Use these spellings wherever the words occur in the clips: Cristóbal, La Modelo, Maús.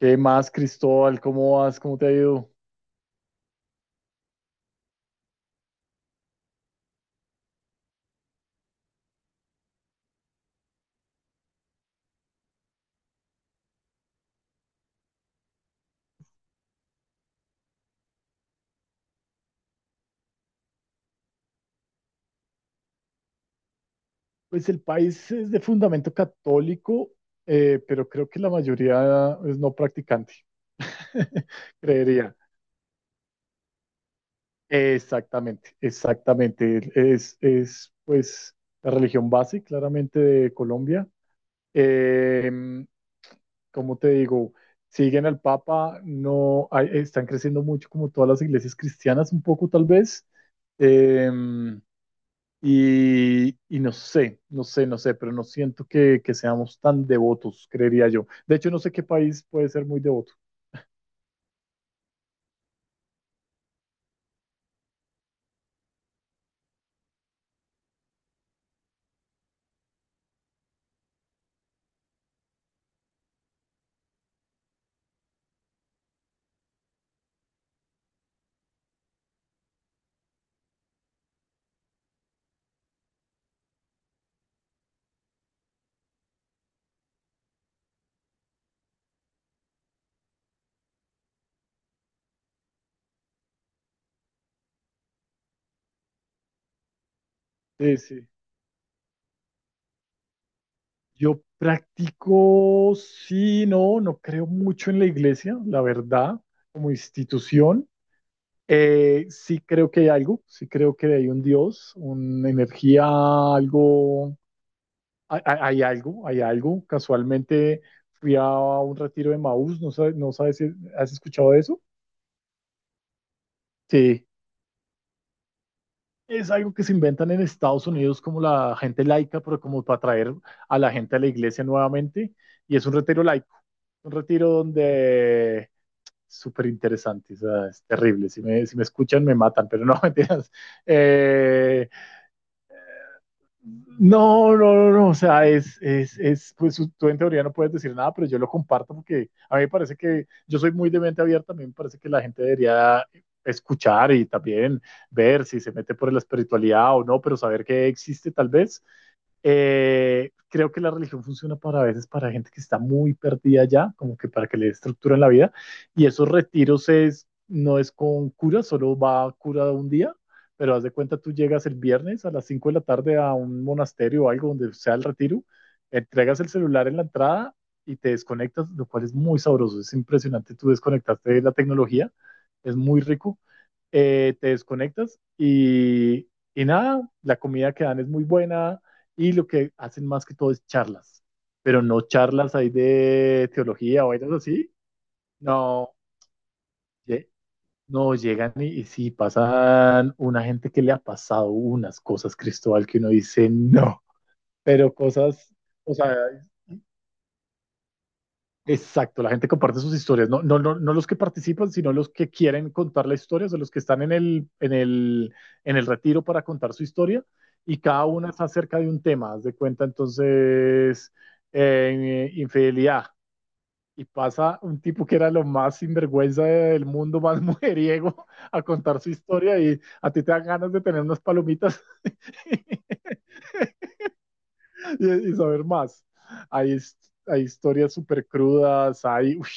¿Qué más, Cristóbal? ¿Cómo vas? ¿Cómo te ha ido? Pues el país es de fundamento católico, pero creo que la mayoría es no practicante, creería. Exactamente, exactamente. Es pues la religión base, claramente, de Colombia. Em, ¿Cómo te digo? Siguen al Papa, no hay- están creciendo mucho como todas las iglesias cristianas, un poco tal vez. Eh, y no sé, pero no siento que seamos tan devotos, creería yo. De hecho, no sé qué país puede ser muy devoto. Sí, sí. Yo practico, sí, no creo mucho en la iglesia, la verdad, como institución. Sí creo que hay algo, sí creo que hay un Dios, una energía, algo, hay algo, hay algo. Casualmente fui a un retiro de Maús, no sabes si has escuchado de eso. Sí. Es algo que se inventan en Estados Unidos como la gente laica, pero como para atraer a la gente a la iglesia nuevamente. Y es un retiro laico, un retiro donde súper interesante, o sea, es terrible. Si me escuchan me matan, pero no, mentiras. Eh, no, no, no, no, o sea, es pues tú en teoría no puedes decir nada, pero yo lo comparto porque a mí me parece que yo soy muy de mente abierta, a mí me parece que la gente debería escuchar y también ver si se mete por la espiritualidad o no, pero saber que existe tal vez. Creo que la religión funciona para a veces para gente que está muy perdida ya, como que para que le estructuren la vida, y esos retiros es, no es con cura, solo va a cura un día, pero haz de cuenta tú llegas el viernes a las 5 de la tarde a un monasterio o algo donde sea el retiro, entregas el celular en la entrada y te desconectas, lo cual es muy sabroso, es impresionante, tú desconectaste de la tecnología, es muy rico. Te desconectas y nada, la comida que dan es muy buena y lo que hacen más que todo es charlas, pero no charlas ahí de teología o algo así. No, ye- no, llegan y sí, pasan una gente que le ha pasado unas cosas, Cristóbal, que uno dice no, pero cosas, o sea, exacto, la gente comparte sus historias, no, no, no, no los que participan, sino los que quieren contar la historia, o sea, los que están en el retiro para contar su historia, y cada una está acerca de un tema, haz de cuenta, entonces, infidelidad, y pasa un tipo que era lo más sinvergüenza del mundo, más mujeriego, a contar su historia y a ti te dan ganas de tener unas palomitas. Y saber más. Hay, his- Hay historias súper crudas, hay, uy,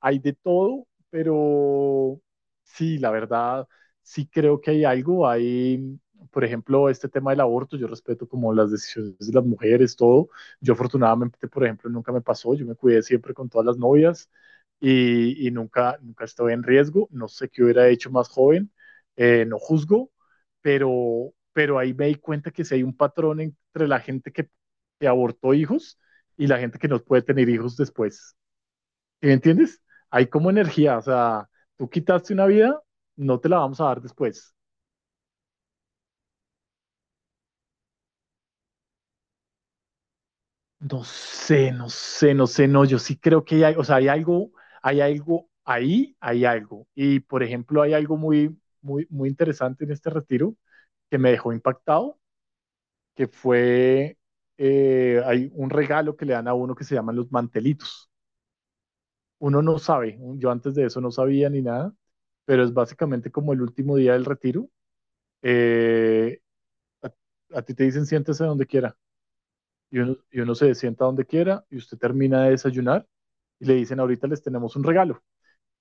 hay de todo, pero sí, la verdad, sí creo que hay algo. Hay, por ejemplo, este tema del aborto, yo respeto como las decisiones de las mujeres, todo. Yo afortunadamente, por ejemplo, nunca me pasó, yo me cuidé siempre con todas las novias y nunca, nunca estuve en riesgo. No sé qué hubiera hecho más joven, no juzgo, pero ahí me di cuenta que si hay un patrón entre la gente que abortó hijos y la gente que no puede tener hijos después. ¿Sí? ¿Me entiendes? Hay como energía, o sea, tú quitaste una vida, no te la vamos a dar después. No sé, no, yo sí creo que hay, o sea, hay algo ahí, hay algo. Y por ejemplo, hay algo muy, muy, muy interesante en este retiro que me dejó impactado, que fue, hay un regalo que le dan a uno que se llaman los mantelitos. Uno no sabe, yo antes de eso no sabía ni nada, pero es básicamente como el último día del retiro. Eh, a, a ti te dicen siéntese donde quiera y uno se sienta donde quiera y usted termina de desayunar y le dicen ahorita les tenemos un regalo,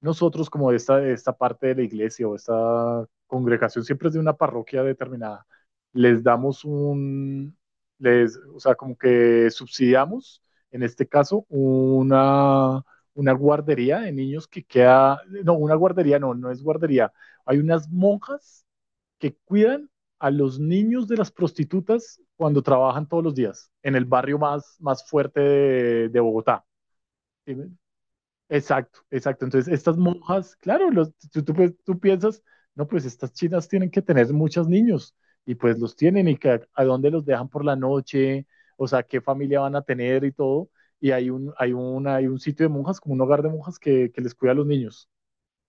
nosotros como esta parte de la iglesia o esta congregación siempre es de una parroquia determinada, les damos un, les, o sea, como que subsidiamos, en este caso, una guardería de niños que queda, no, una guardería no, no es guardería, hay unas monjas que cuidan a los niños de las prostitutas cuando trabajan todos los días en el barrio más, más fuerte de Bogotá. ¿Sí? Exacto, exacto. Entonces, estas monjas, claro, los, pues, tú piensas, no, pues estas chinas tienen que tener muchos niños y pues los tienen y que, a dónde los dejan por la noche, o sea, qué familia van a tener y todo. Y hay un sitio de monjas, como un hogar de monjas que les cuida a los niños.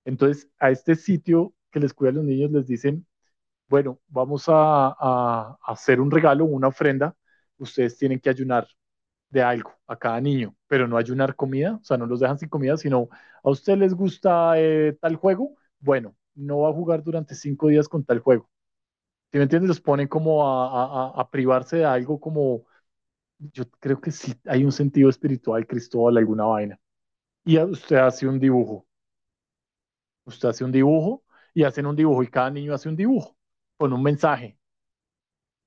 Entonces, a este sitio que les cuida a los niños les dicen, bueno, vamos a, a hacer un regalo, una ofrenda, ustedes tienen que ayunar de algo a cada niño, pero no ayunar comida, o sea, no los dejan sin comida, sino a usted les gusta tal juego, bueno, no va a jugar durante 5 días con tal juego. ¿Sí me entiendes? Los ponen como a, a privarse de algo como, yo creo que sí hay un sentido espiritual, Cristóbal, alguna vaina. Y a- usted hace un dibujo, usted hace un dibujo y hacen un dibujo y cada niño hace un dibujo con un mensaje.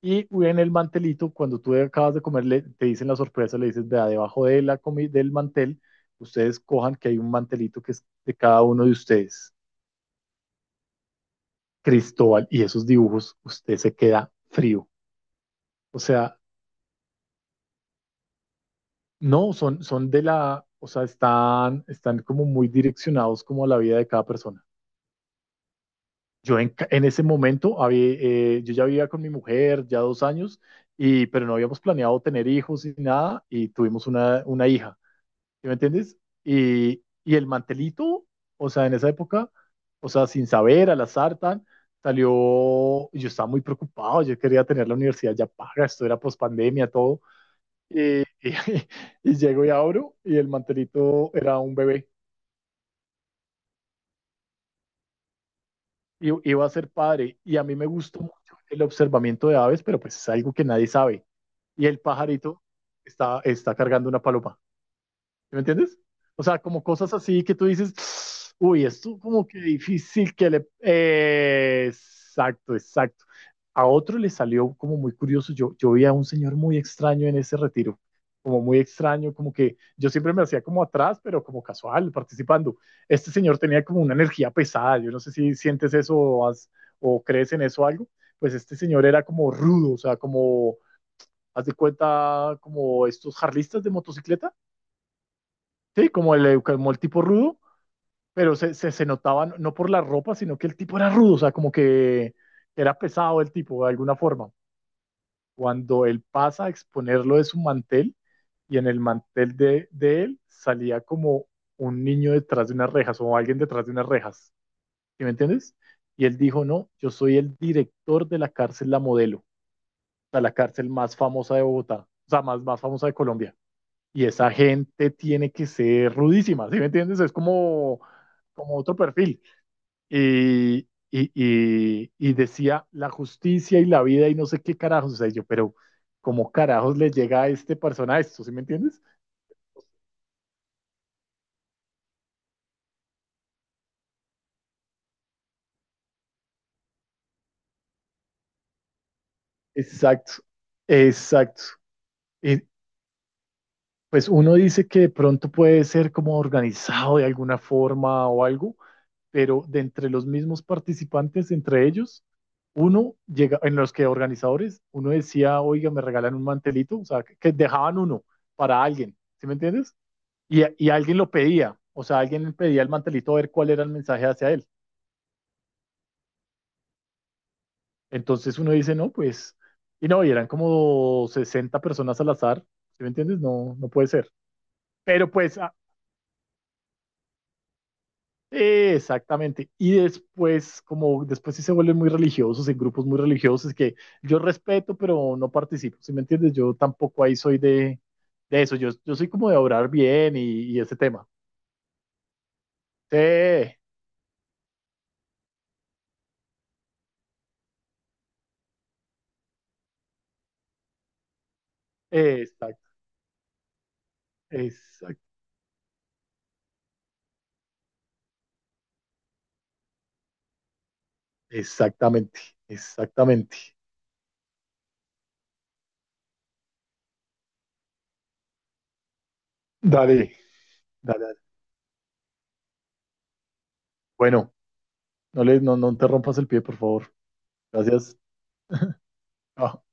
Y en el mantelito, cuando tú acabas de comer, te dicen la sorpresa, le dices, vea, debajo de la del mantel, ustedes cojan que hay un mantelito que es de cada uno de ustedes. Cristóbal, y esos dibujos, usted se queda frío. O sea, no, son, son de la, o sea, están, están como muy direccionados como a la vida de cada persona. Yo en, ca- en ese momento, había, yo ya vivía con mi mujer, ya 2 años, y, pero no habíamos planeado tener hijos ni nada, y tuvimos una hija. ¿Sí me entiendes? Y el mantelito, o sea, en esa época, o sea, sin saber, al azar, tan, salió, y yo estaba muy preocupado, yo quería tener la universidad ya paga, esto era pospandemia, todo, y, y, y llego y abro, y el mantelito era un bebé, y iba a ser padre, y a mí me gustó mucho el observamiento de aves, pero pues es algo que nadie sabe, y el pajarito está, está cargando una paloma. ¿Sí? ¿Me entiendes? O sea, como cosas así que tú dices, uy, esto como que difícil que le... exacto, exacto. A otro le salió como muy curioso. Yo vi a un señor muy extraño en ese retiro, como muy extraño, como que yo siempre me hacía como atrás, pero como casual, participando. Este señor tenía como una energía pesada. Yo no sé si sientes eso o, has- o crees en eso o algo. Pues este señor era como rudo, o sea, como, haz de cuenta, como estos jarlistas de motocicleta. Sí, como el tipo rudo, pero se notaba no por la ropa, sino que el tipo era rudo, o sea, como que era pesado el tipo de alguna forma. Cuando él pasa a exponerlo de su mantel y en el mantel de él salía como un niño detrás de unas rejas o alguien detrás de unas rejas, ¿sí me entiendes? Y él dijo, no, yo soy el director de la cárcel La Modelo, o sea, la cárcel más famosa de Bogotá, o sea, más, más famosa de Colombia, y esa gente tiene que ser rudísima, ¿sí me entiendes? Es como, como otro perfil. Y decía la justicia y la vida y no sé qué carajos, o sea, yo, pero ¿cómo carajos le llega a este persona esto? ¿Sí me entiendes? Exacto, exacto. Y pues uno dice que de pronto puede ser como organizado de alguna forma o algo, pero de entre los mismos participantes, entre ellos, uno llega, en los que organizadores, uno decía, oiga, me regalan un mantelito, o sea, que dejaban uno para alguien, ¿sí me entiendes? Y y alguien lo pedía, o sea, alguien pedía el mantelito a ver cuál era el mensaje hacia él. Entonces uno dice, no, pues, y no, y eran como 60 personas al azar, ¿sí me entiendes? No, no puede ser. Pero pues exactamente. Y después, como después sí se vuelven muy religiosos, en grupos muy religiosos que yo respeto, pero no participo, ¿sí me entiendes? Yo tampoco ahí soy de eso, yo soy como de orar bien y ese tema. Sí, exacto, exacto, exactamente, exactamente. Dale, dale, dale. Bueno, no, le, no, no te rompas el pie, por favor. Gracias. Chao.